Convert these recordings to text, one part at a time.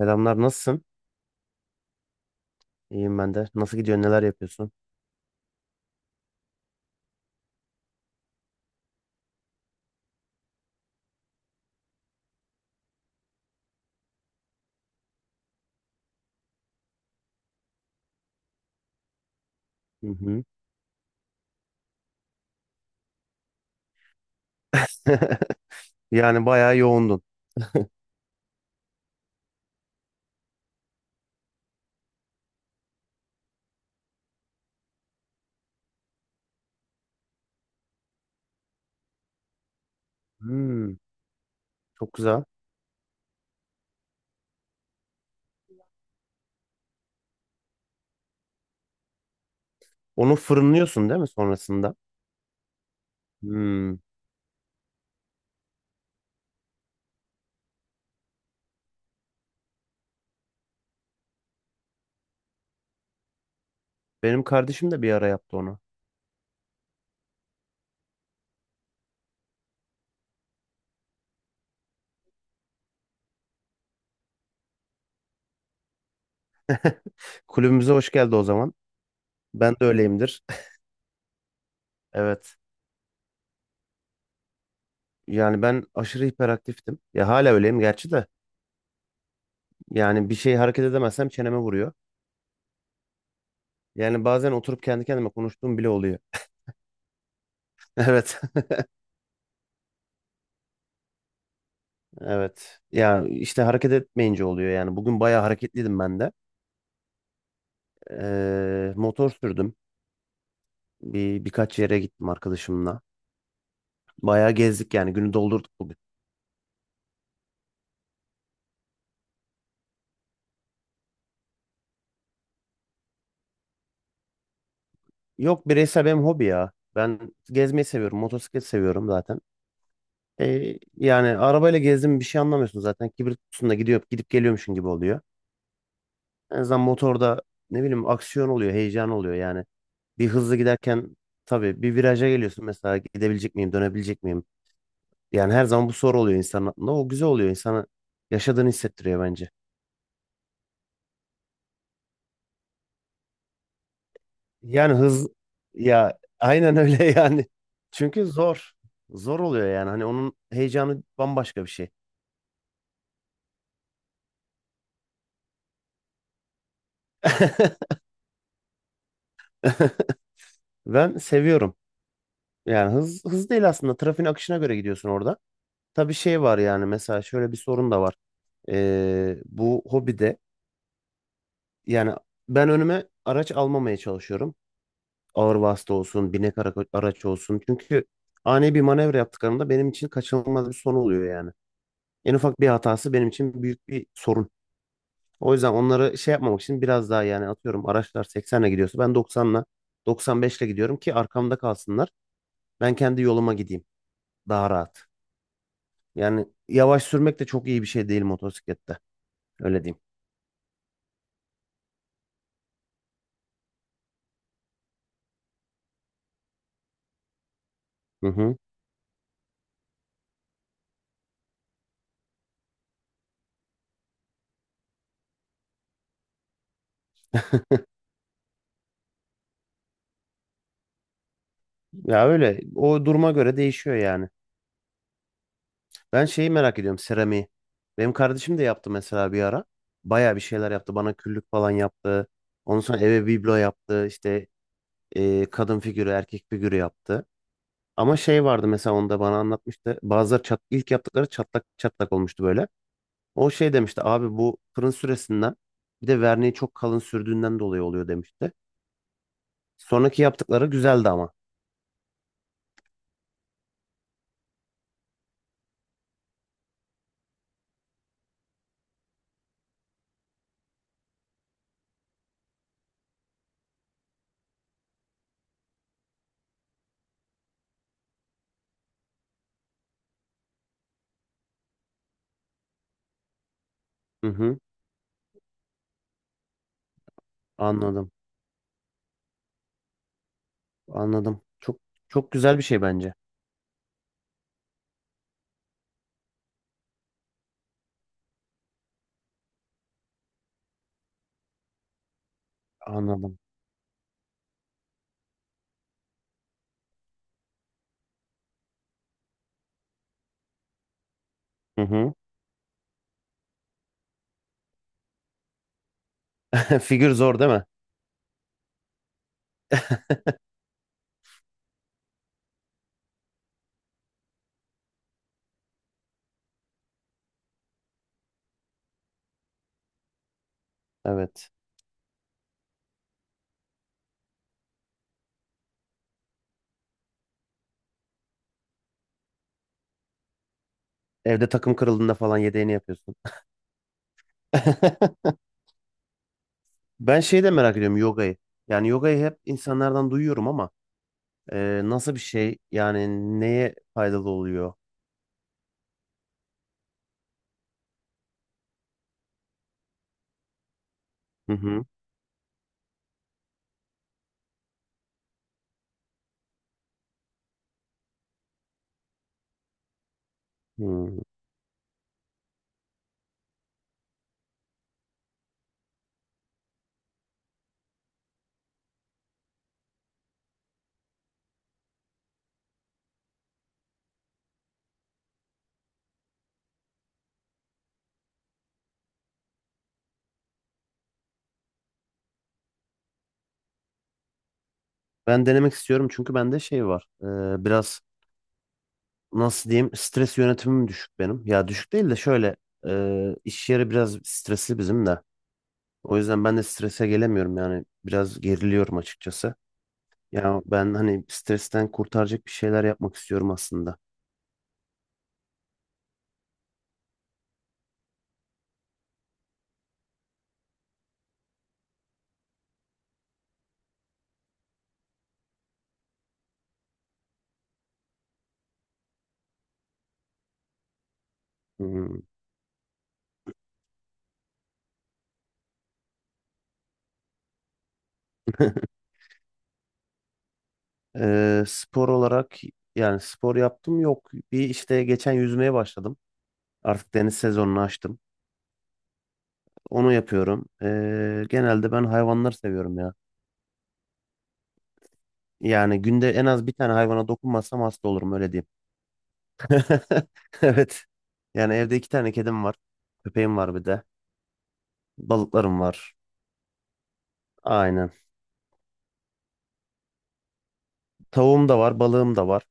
Selamlar, nasılsın? İyiyim ben de. Nasıl gidiyor, neler yapıyorsun? Hı hı. Yani bayağı yoğundun. Hmm, çok güzel. Onu fırınlıyorsun değil mi sonrasında? Hmm. Benim kardeşim de bir ara yaptı onu. Kulübümüze hoş geldi o zaman. Ben de öyleyimdir. Evet. Yani ben aşırı hiperaktiftim. Ya hala öyleyim gerçi de. Yani bir şey hareket edemezsem çeneme vuruyor. Yani bazen oturup kendi kendime konuştuğum bile oluyor. Evet. Evet. Ya işte hareket etmeyince oluyor yani. Bugün bayağı hareketliydim ben de. Motor sürdüm. Birkaç yere gittim arkadaşımla. Bayağı gezdik yani günü doldurduk bugün. Yok bireysel benim hobi ya. Ben gezmeyi seviyorum. Motosiklet seviyorum zaten. Yani arabayla gezdim bir şey anlamıyorsun zaten. Kibrit kutusunda gidiyor, gidip geliyormuşsun gibi oluyor. En azından motorda ne bileyim aksiyon oluyor, heyecan oluyor yani. Bir hızlı giderken tabii bir viraja geliyorsun mesela gidebilecek miyim, dönebilecek miyim? Yani her zaman bu soru oluyor insanın aklında. O güzel oluyor. İnsanı yaşadığını hissettiriyor bence. Yani hız ya aynen öyle yani. Çünkü zor. Zor oluyor yani. Hani onun heyecanı bambaşka bir şey. Ben seviyorum. Yani hız hız değil aslında. Trafiğin akışına göre gidiyorsun orada. Tabii şey var yani mesela şöyle bir sorun da var. Bu hobide yani ben önüme araç almamaya çalışıyorum. Ağır vasıta olsun, binek araç olsun. Çünkü ani bir manevra yaptıklarında benim için kaçınılmaz bir son oluyor yani. En ufak bir hatası benim için büyük bir sorun. O yüzden onları şey yapmamak için biraz daha yani atıyorum araçlar 80'le gidiyorsa ben 90'la 95'le gidiyorum ki arkamda kalsınlar. Ben kendi yoluma gideyim. Daha rahat. Yani yavaş sürmek de çok iyi bir şey değil motosiklette. Öyle diyeyim. Hı hı. Ya öyle. O duruma göre değişiyor yani. Ben şeyi merak ediyorum, seramiği. Benim kardeşim de yaptı mesela bir ara. Bayağı bir şeyler yaptı. Bana küllük falan yaptı. Ondan sonra eve biblo yaptı. İşte kadın figürü, erkek figürü yaptı. Ama şey vardı mesela onda bana anlatmıştı. Bazıları ilk yaptıkları çatlak çatlak olmuştu böyle. O şey demişti, abi bu fırın süresinden bir de verniği çok kalın sürdüğünden dolayı oluyor demişti. Sonraki yaptıkları güzeldi ama. Hı hı, anladım. Anladım. Çok çok güzel bir şey bence. Anladım. Hı hı. Figür zor değil mi? Evet. Evde takım kırıldığında falan yedeğini yapıyorsun. Ben şeyi de merak ediyorum, yogayı. Yani yogayı hep insanlardan duyuyorum ama nasıl bir şey? Yani neye faydalı oluyor? Hı hı. Hı. Ben denemek istiyorum çünkü bende şey var. Biraz nasıl diyeyim, stres yönetimim düşük benim. Ya düşük değil de şöyle iş yeri biraz stresli bizim de. O yüzden ben de strese gelemiyorum yani biraz geriliyorum açıkçası. Ya ben hani stresten kurtaracak bir şeyler yapmak istiyorum aslında. Hı. Spor olarak yani spor yaptım yok. Bir işte geçen yüzmeye başladım. Artık deniz sezonunu açtım. Onu yapıyorum. Genelde ben hayvanları seviyorum ya. Yani günde en az bir tane hayvana dokunmazsam hasta olurum, öyle diyeyim. Evet. Yani evde iki tane kedim var. Köpeğim var bir de. Balıklarım var. Aynen. Tavuğum da var, balığım da var.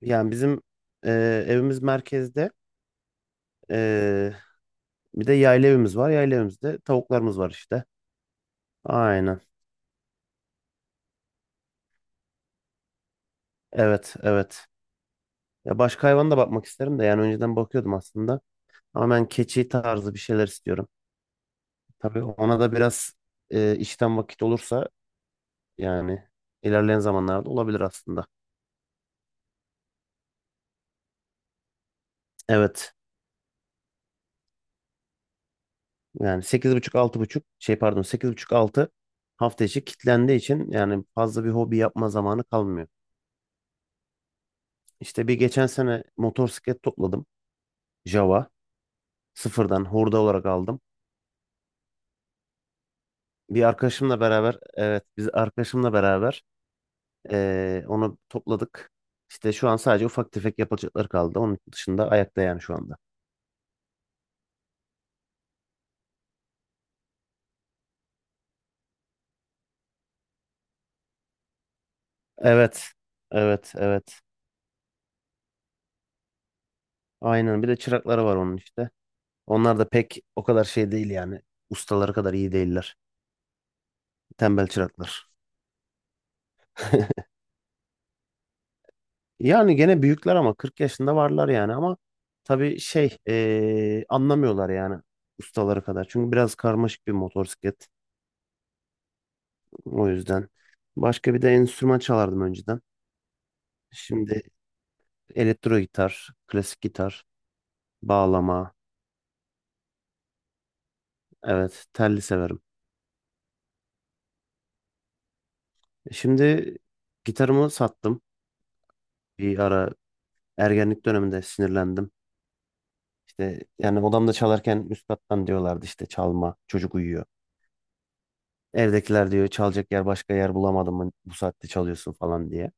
Yani bizim e, evimiz merkezde. E, bir de yayla evimiz var. Yayla evimizde tavuklarımız var işte. Aynen. Evet, evet. Ya başka hayvana da bakmak isterim de yani önceden bakıyordum aslında. Ama ben keçi tarzı bir şeyler istiyorum. Tabii ona da biraz işten vakit olursa, yani ilerleyen zamanlarda olabilir aslında. Evet. Yani sekiz buçuk altı buçuk, şey, pardon, 8.30-6, hafta içi kitlendiği için yani fazla bir hobi yapma zamanı kalmıyor. İşte bir geçen sene motosiklet topladım. Java. Sıfırdan hurda olarak aldım. Bir arkadaşımla beraber, evet, biz arkadaşımla beraber onu topladık. İşte şu an sadece ufak tefek yapılacakları kaldı. Onun dışında ayakta yani şu anda. Evet. Evet. Evet. Aynen. Bir de çırakları var onun işte. Onlar da pek o kadar şey değil yani. Ustaları kadar iyi değiller. Tembel çıraklar. Yani gene büyükler ama 40 yaşında varlar yani, ama tabii şey anlamıyorlar yani, ustaları kadar. Çünkü biraz karmaşık bir motosiklet o yüzden. Başka bir de enstrüman çalardım önceden. Şimdi elektro gitar, klasik gitar, bağlama, evet, telli severim. Şimdi gitarımı sattım bir ara, ergenlik döneminde sinirlendim. İşte yani odamda çalarken üst kattan diyorlardı işte, çalma çocuk uyuyor. Evdekiler diyor çalacak yer, başka yer bulamadım mı bu saatte çalıyorsun falan diye.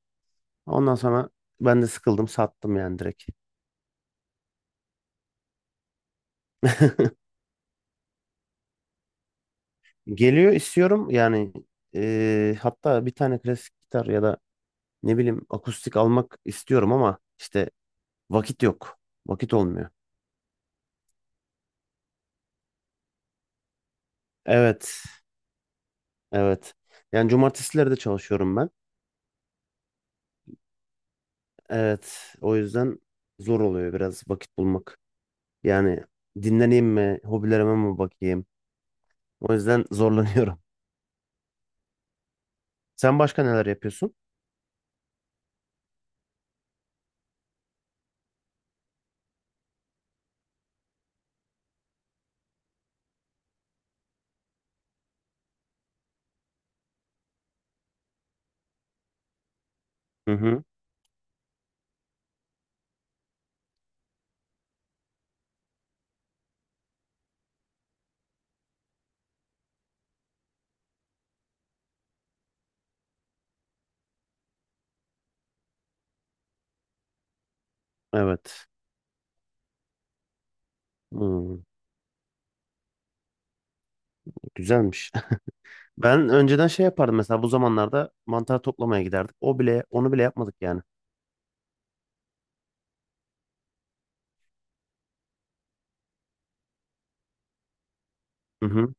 Ondan sonra ben de sıkıldım, sattım yani, direkt. Geliyor, istiyorum yani, hatta bir tane klasik gitar ya da ne bileyim akustik almak istiyorum ama işte vakit yok. Vakit olmuyor. Evet, evet. Yani cumartesileri de çalışıyorum ben. Evet, o yüzden zor oluyor biraz vakit bulmak. Yani dinleneyim mi, hobilerime mi bakayım? O yüzden zorlanıyorum. Sen başka neler yapıyorsun? Hı hı. Evet. Hmm, güzelmiş. Ben önceden şey yapardım mesela, bu zamanlarda mantar toplamaya giderdik. O bile, onu bile yapmadık yani. Hı hı.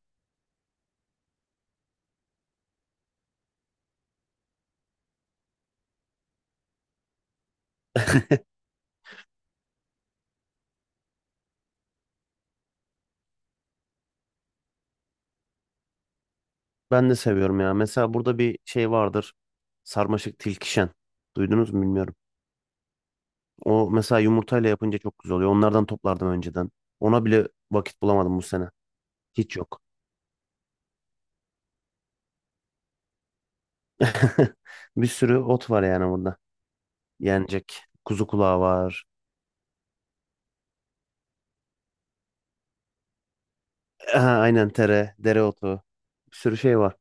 Ben de seviyorum ya. Mesela burada bir şey vardır. Sarmaşık tilkişen. Duydunuz mu bilmiyorum. O mesela yumurtayla yapınca çok güzel oluyor. Onlardan toplardım önceden. Ona bile vakit bulamadım bu sene. Hiç yok. Bir sürü ot var yani burada. Yenecek. Kuzu kulağı var. Aha, aynen, tere, dereotu. Bir sürü şey var.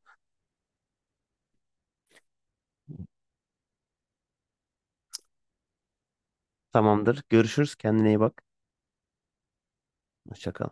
Tamamdır. Görüşürüz. Kendine iyi bak. Hoşça kal.